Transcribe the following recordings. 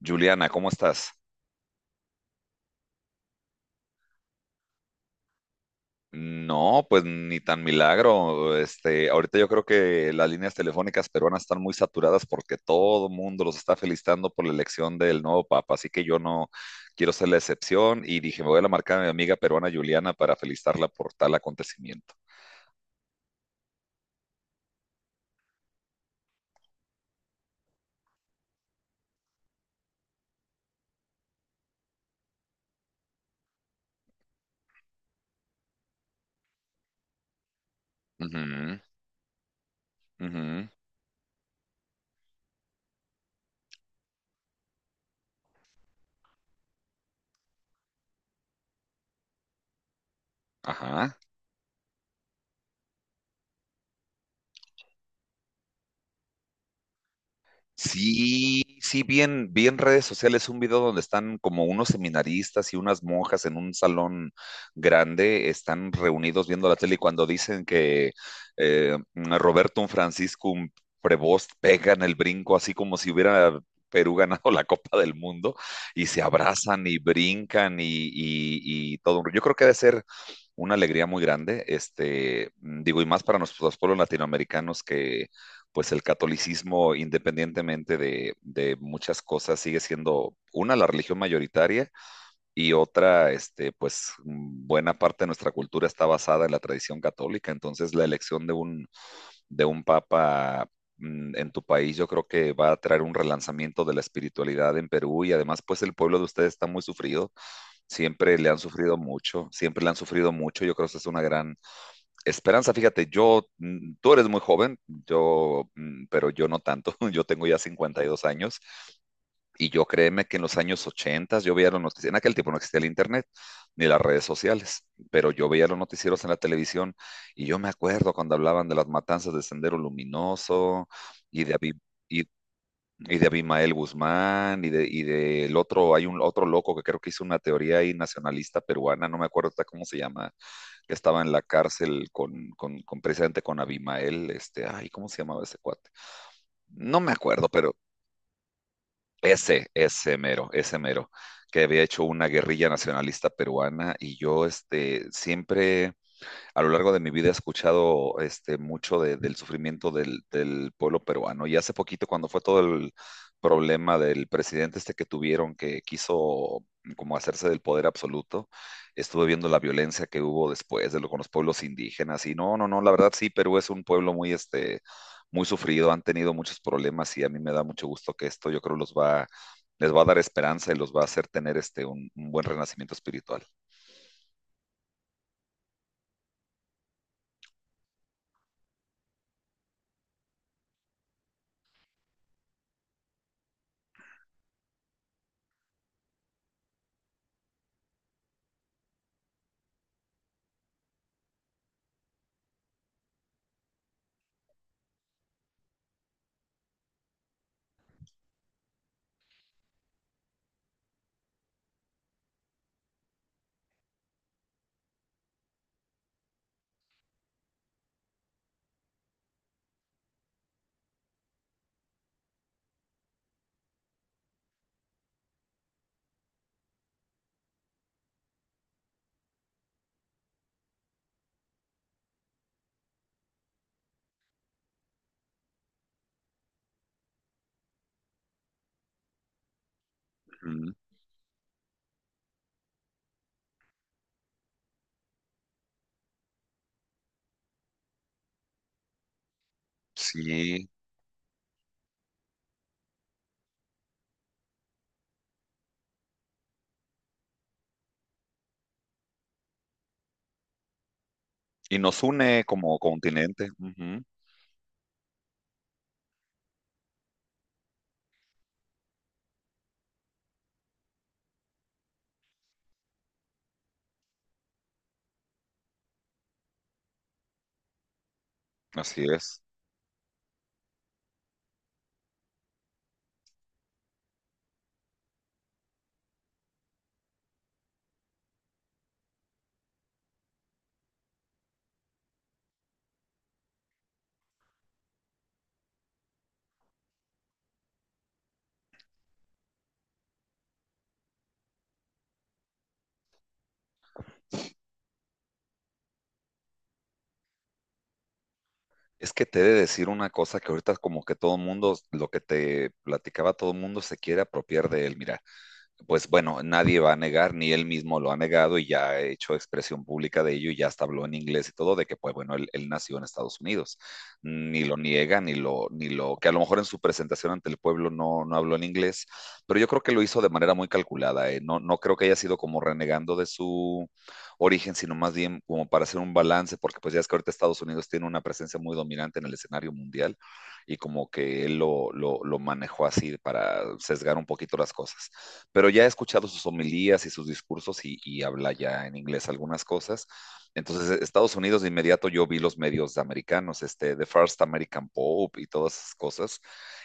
Juliana, ¿cómo estás? No, pues ni tan milagro. Ahorita yo creo que las líneas telefónicas peruanas están muy saturadas porque todo el mundo los está felicitando por la elección del nuevo papa, así que yo no quiero ser la excepción y dije, me voy a la marca a mi amiga peruana Juliana para felicitarla por tal acontecimiento. Ujú, ujú, ajá. Sí, sí, bien, bien, redes sociales, un video donde están como unos seminaristas y unas monjas en un salón grande, están reunidos viendo la tele y cuando dicen que Roberto, un Francisco, un Prevost, pegan el brinco así como si hubiera Perú ganado la Copa del Mundo, y se abrazan y brincan y todo. Yo creo que debe ser una alegría muy grande, este, digo, y más para nuestros pueblos latinoamericanos, pues el catolicismo, independientemente de muchas cosas, sigue siendo una, la religión mayoritaria, y otra, este, pues buena parte de nuestra cultura está basada en la tradición católica. Entonces, la elección de un papa en tu país, yo creo que va a traer un relanzamiento de la espiritualidad en Perú, y además, pues el pueblo de ustedes está muy sufrido. Siempre le han sufrido mucho, siempre le han sufrido mucho. Yo creo que esa es una gran esperanza. Fíjate, yo, tú eres muy joven, yo, pero yo no tanto. Yo tengo ya 52 años y yo créeme que en los años 80, yo veía los noticieros. En aquel tiempo no existía el internet ni las redes sociales, pero yo veía los noticieros en la televisión y yo me acuerdo cuando hablaban de las matanzas de Sendero Luminoso y de Aviv y de Abimael Guzmán, y del otro. Hay un otro loco que creo que hizo una teoría ahí nacionalista peruana, no me acuerdo ahorita cómo se llama, que estaba en la cárcel con, precisamente con Abimael, este, ay, ¿cómo se llamaba ese cuate? No me acuerdo, pero ese mero, que había hecho una guerrilla nacionalista peruana, y yo, este, siempre a lo largo de mi vida he escuchado, este, mucho del sufrimiento del pueblo peruano. Y hace poquito, cuando fue todo el problema del presidente este que tuvieron, que quiso como hacerse del poder absoluto, estuve viendo la violencia que hubo después de lo con los pueblos indígenas. Y no, no, no, la verdad sí, Perú es un pueblo muy, este, muy sufrido, han tenido muchos problemas y a mí me da mucho gusto que esto, yo creo, les va a dar esperanza y los va a hacer tener, este, un buen renacimiento espiritual. Ujú. Sí, y nos une como continente. Ujú, así es. Es que te he de decir una cosa que ahorita como que todo mundo, lo que te platicaba, todo mundo se quiere apropiar de él. Mira, pues bueno, nadie va a negar, ni él mismo lo ha negado, y ya ha hecho expresión pública de ello y ya hasta habló en inglés y todo, de que, pues bueno, él nació en Estados Unidos. Ni lo niega, ni lo, que a lo mejor en su presentación ante el pueblo no, no habló en inglés, pero yo creo que lo hizo de manera muy calculada. ¿Eh? No, no creo que haya sido como renegando de su origen, sino más bien como para hacer un balance, porque pues ya es que ahorita Estados Unidos tiene una presencia muy dominante en el escenario mundial y como que él lo manejó así para sesgar un poquito las cosas, pero ya he escuchado sus homilías y sus discursos y habla ya en inglés algunas cosas. Entonces, Estados Unidos de inmediato, yo vi los medios americanos, este, The First American Pope y todas esas cosas.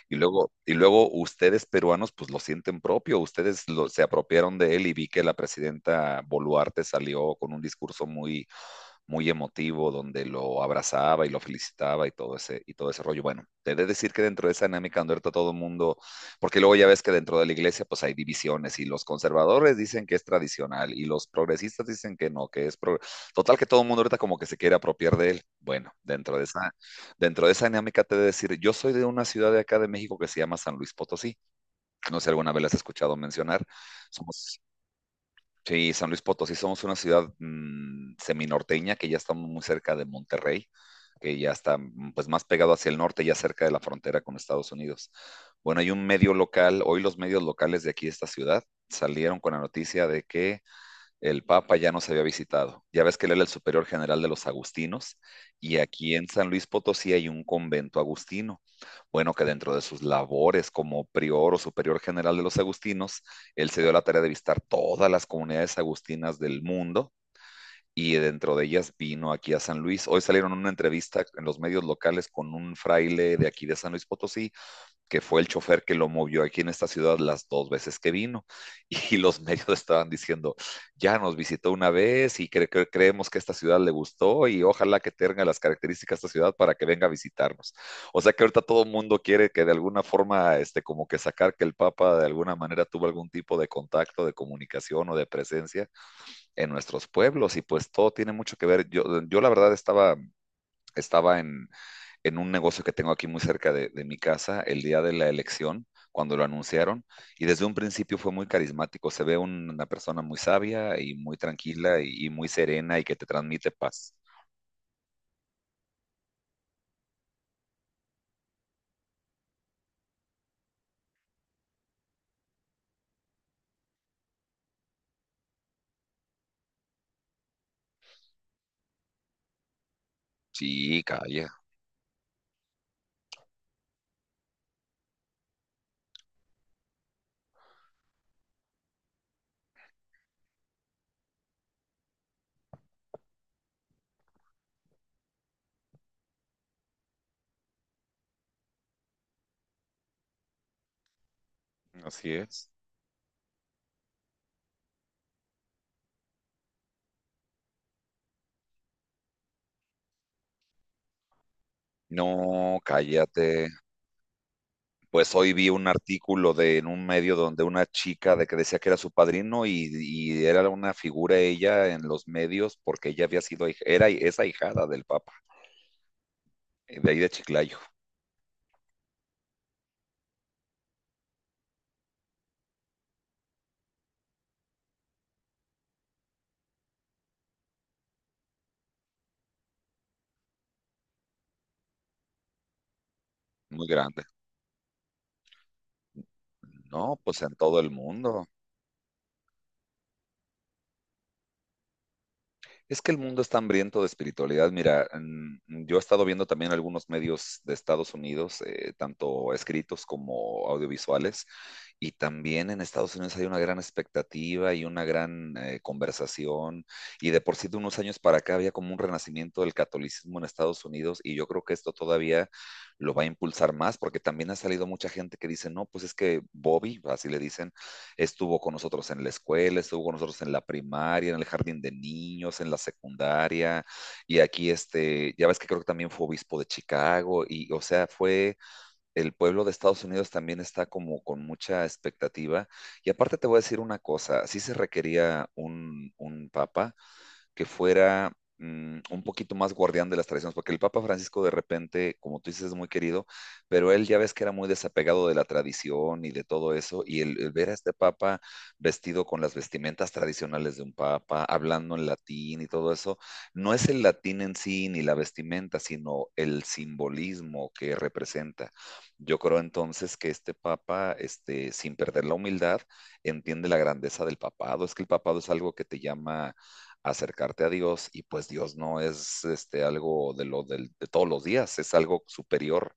Y luego, ustedes peruanos, pues lo sienten propio, ustedes se apropiaron de él, y vi que la presidenta Boluarte salió con un discurso muy, muy emotivo donde lo abrazaba y lo felicitaba y y todo ese rollo. Bueno, te he de decir que dentro de esa dinámica donde ahorita todo el mundo, porque luego ya ves que dentro de la iglesia pues hay divisiones y los conservadores dicen que es tradicional y los progresistas dicen que no, que es pro... total que todo el mundo ahorita como que se quiere apropiar de él. Bueno, dentro de esa dinámica te he de decir, yo soy de una ciudad de acá de México que se llama San Luis Potosí. No sé si alguna vez la has escuchado mencionar. Somos Sí, San Luis Potosí, somos una ciudad, seminorteña, que ya estamos muy cerca de Monterrey, que ya está, pues más pegado hacia el norte, ya cerca de la frontera con Estados Unidos. Bueno, hay un medio local, hoy los medios locales de aquí de esta ciudad salieron con la noticia de que el Papa ya nos había visitado. Ya ves que él era el superior general de los agustinos y aquí en San Luis Potosí hay un convento agustino. Bueno, que dentro de sus labores como prior o superior general de los agustinos, él se dio la tarea de visitar todas las comunidades agustinas del mundo y dentro de ellas vino aquí a San Luis. Hoy salieron una entrevista en los medios locales con un fraile de aquí de San Luis Potosí que fue el chofer que lo movió aquí en esta ciudad las dos veces que vino. Y los medios estaban diciendo, ya nos visitó una vez y creemos que esta ciudad le gustó y ojalá que tenga las características de esta ciudad para que venga a visitarnos. O sea que ahorita todo el mundo quiere que, de alguna forma, este, como que sacar que el Papa de alguna manera tuvo algún tipo de contacto, de comunicación o de presencia en nuestros pueblos. Y pues todo tiene mucho que ver. Yo la verdad estaba, estaba en, en un negocio que tengo aquí muy cerca de mi casa el día de la elección, cuando lo anunciaron, y desde un principio fue muy carismático. Se ve una persona muy sabia y muy tranquila y muy serena y que te transmite paz. Sí, calla, así es. No, cállate. Pues hoy vi un artículo de en un medio donde una chica, de que decía que era su padrino, y era una figura ella en los medios porque ella había sido, era esa ahijada del Papa, de ahí de Chiclayo, muy grande. No, pues en todo el mundo. Es que el mundo está hambriento de espiritualidad. Mira, yo he estado viendo también algunos medios de Estados Unidos, tanto escritos como audiovisuales. Y también en Estados Unidos hay una gran expectativa y una gran, conversación. Y de por sí de unos años para acá había como un renacimiento del catolicismo en Estados Unidos y yo creo que esto todavía lo va a impulsar más, porque también ha salido mucha gente que dice, no, pues es que Bobby, así le dicen, estuvo con nosotros en la escuela, estuvo con nosotros en la primaria, en el jardín de niños, en la secundaria. Y aquí, este, ya ves que creo que también fue obispo de Chicago, y, o sea, fue, el pueblo de Estados Unidos también está como con mucha expectativa. Y aparte te voy a decir una cosa, sí se requería un papa, que fuera, un poquito más guardián de las tradiciones, porque el Papa Francisco, de repente, como tú dices, es muy querido, pero él ya ves que era muy desapegado de la tradición y de todo eso, y el ver a este Papa vestido con las vestimentas tradicionales de un Papa, hablando en latín y todo eso, no es el latín en sí ni la vestimenta, sino el simbolismo que representa. Yo creo entonces que este papa, este, sin perder la humildad, entiende la grandeza del papado. Es que el papado es algo que te llama acercarte a Dios, y pues Dios no es, este, algo de todos los días, es algo superior.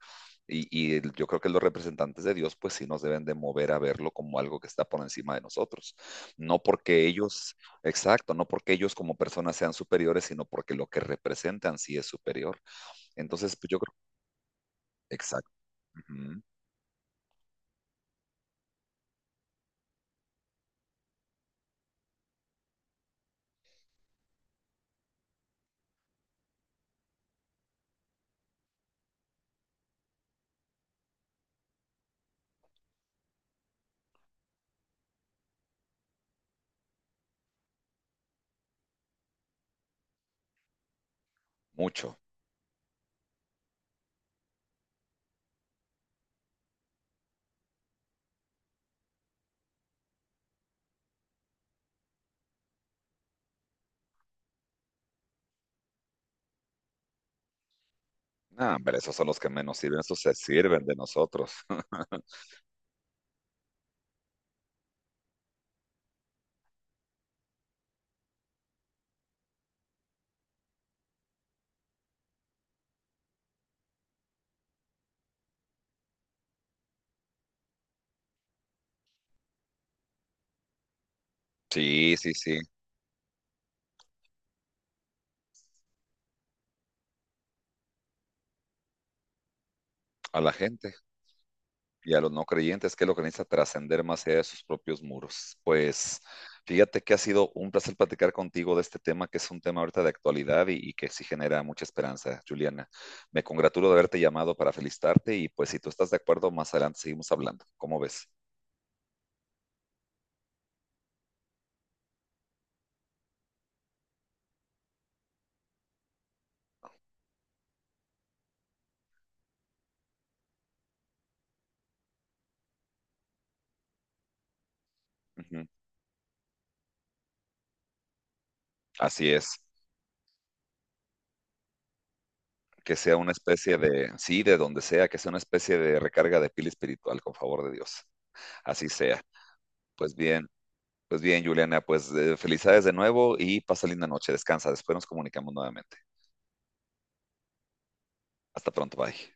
Y yo creo que los representantes de Dios pues sí nos deben de mover a verlo como algo que está por encima de nosotros. No porque ellos, exacto, no porque ellos como personas sean superiores, sino porque lo que representan sí es superior. Entonces, pues yo creo, exacto, ujú, mucho. Ah, pero esos son los que menos sirven, esos se sirven de nosotros. Sí, sí, sí, a la gente. Y a los no creyentes, que lo que necesita trascender más allá de sus propios muros. Pues fíjate que ha sido un placer platicar contigo de este tema, que es un tema ahorita de actualidad y que sí genera mucha esperanza, Juliana. Me congratulo de haberte llamado para felicitarte y, pues, si tú estás de acuerdo, más adelante seguimos hablando. ¿Cómo ves? Ujú. Así es. Que sea una especie de, sí, de donde sea, que sea una especie de recarga de pila espiritual, con favor de Dios. Así sea. Pues bien. Pues bien, Juliana, pues, felicidades de nuevo y pasa linda noche, descansa, después nos comunicamos nuevamente. Hasta pronto, bye.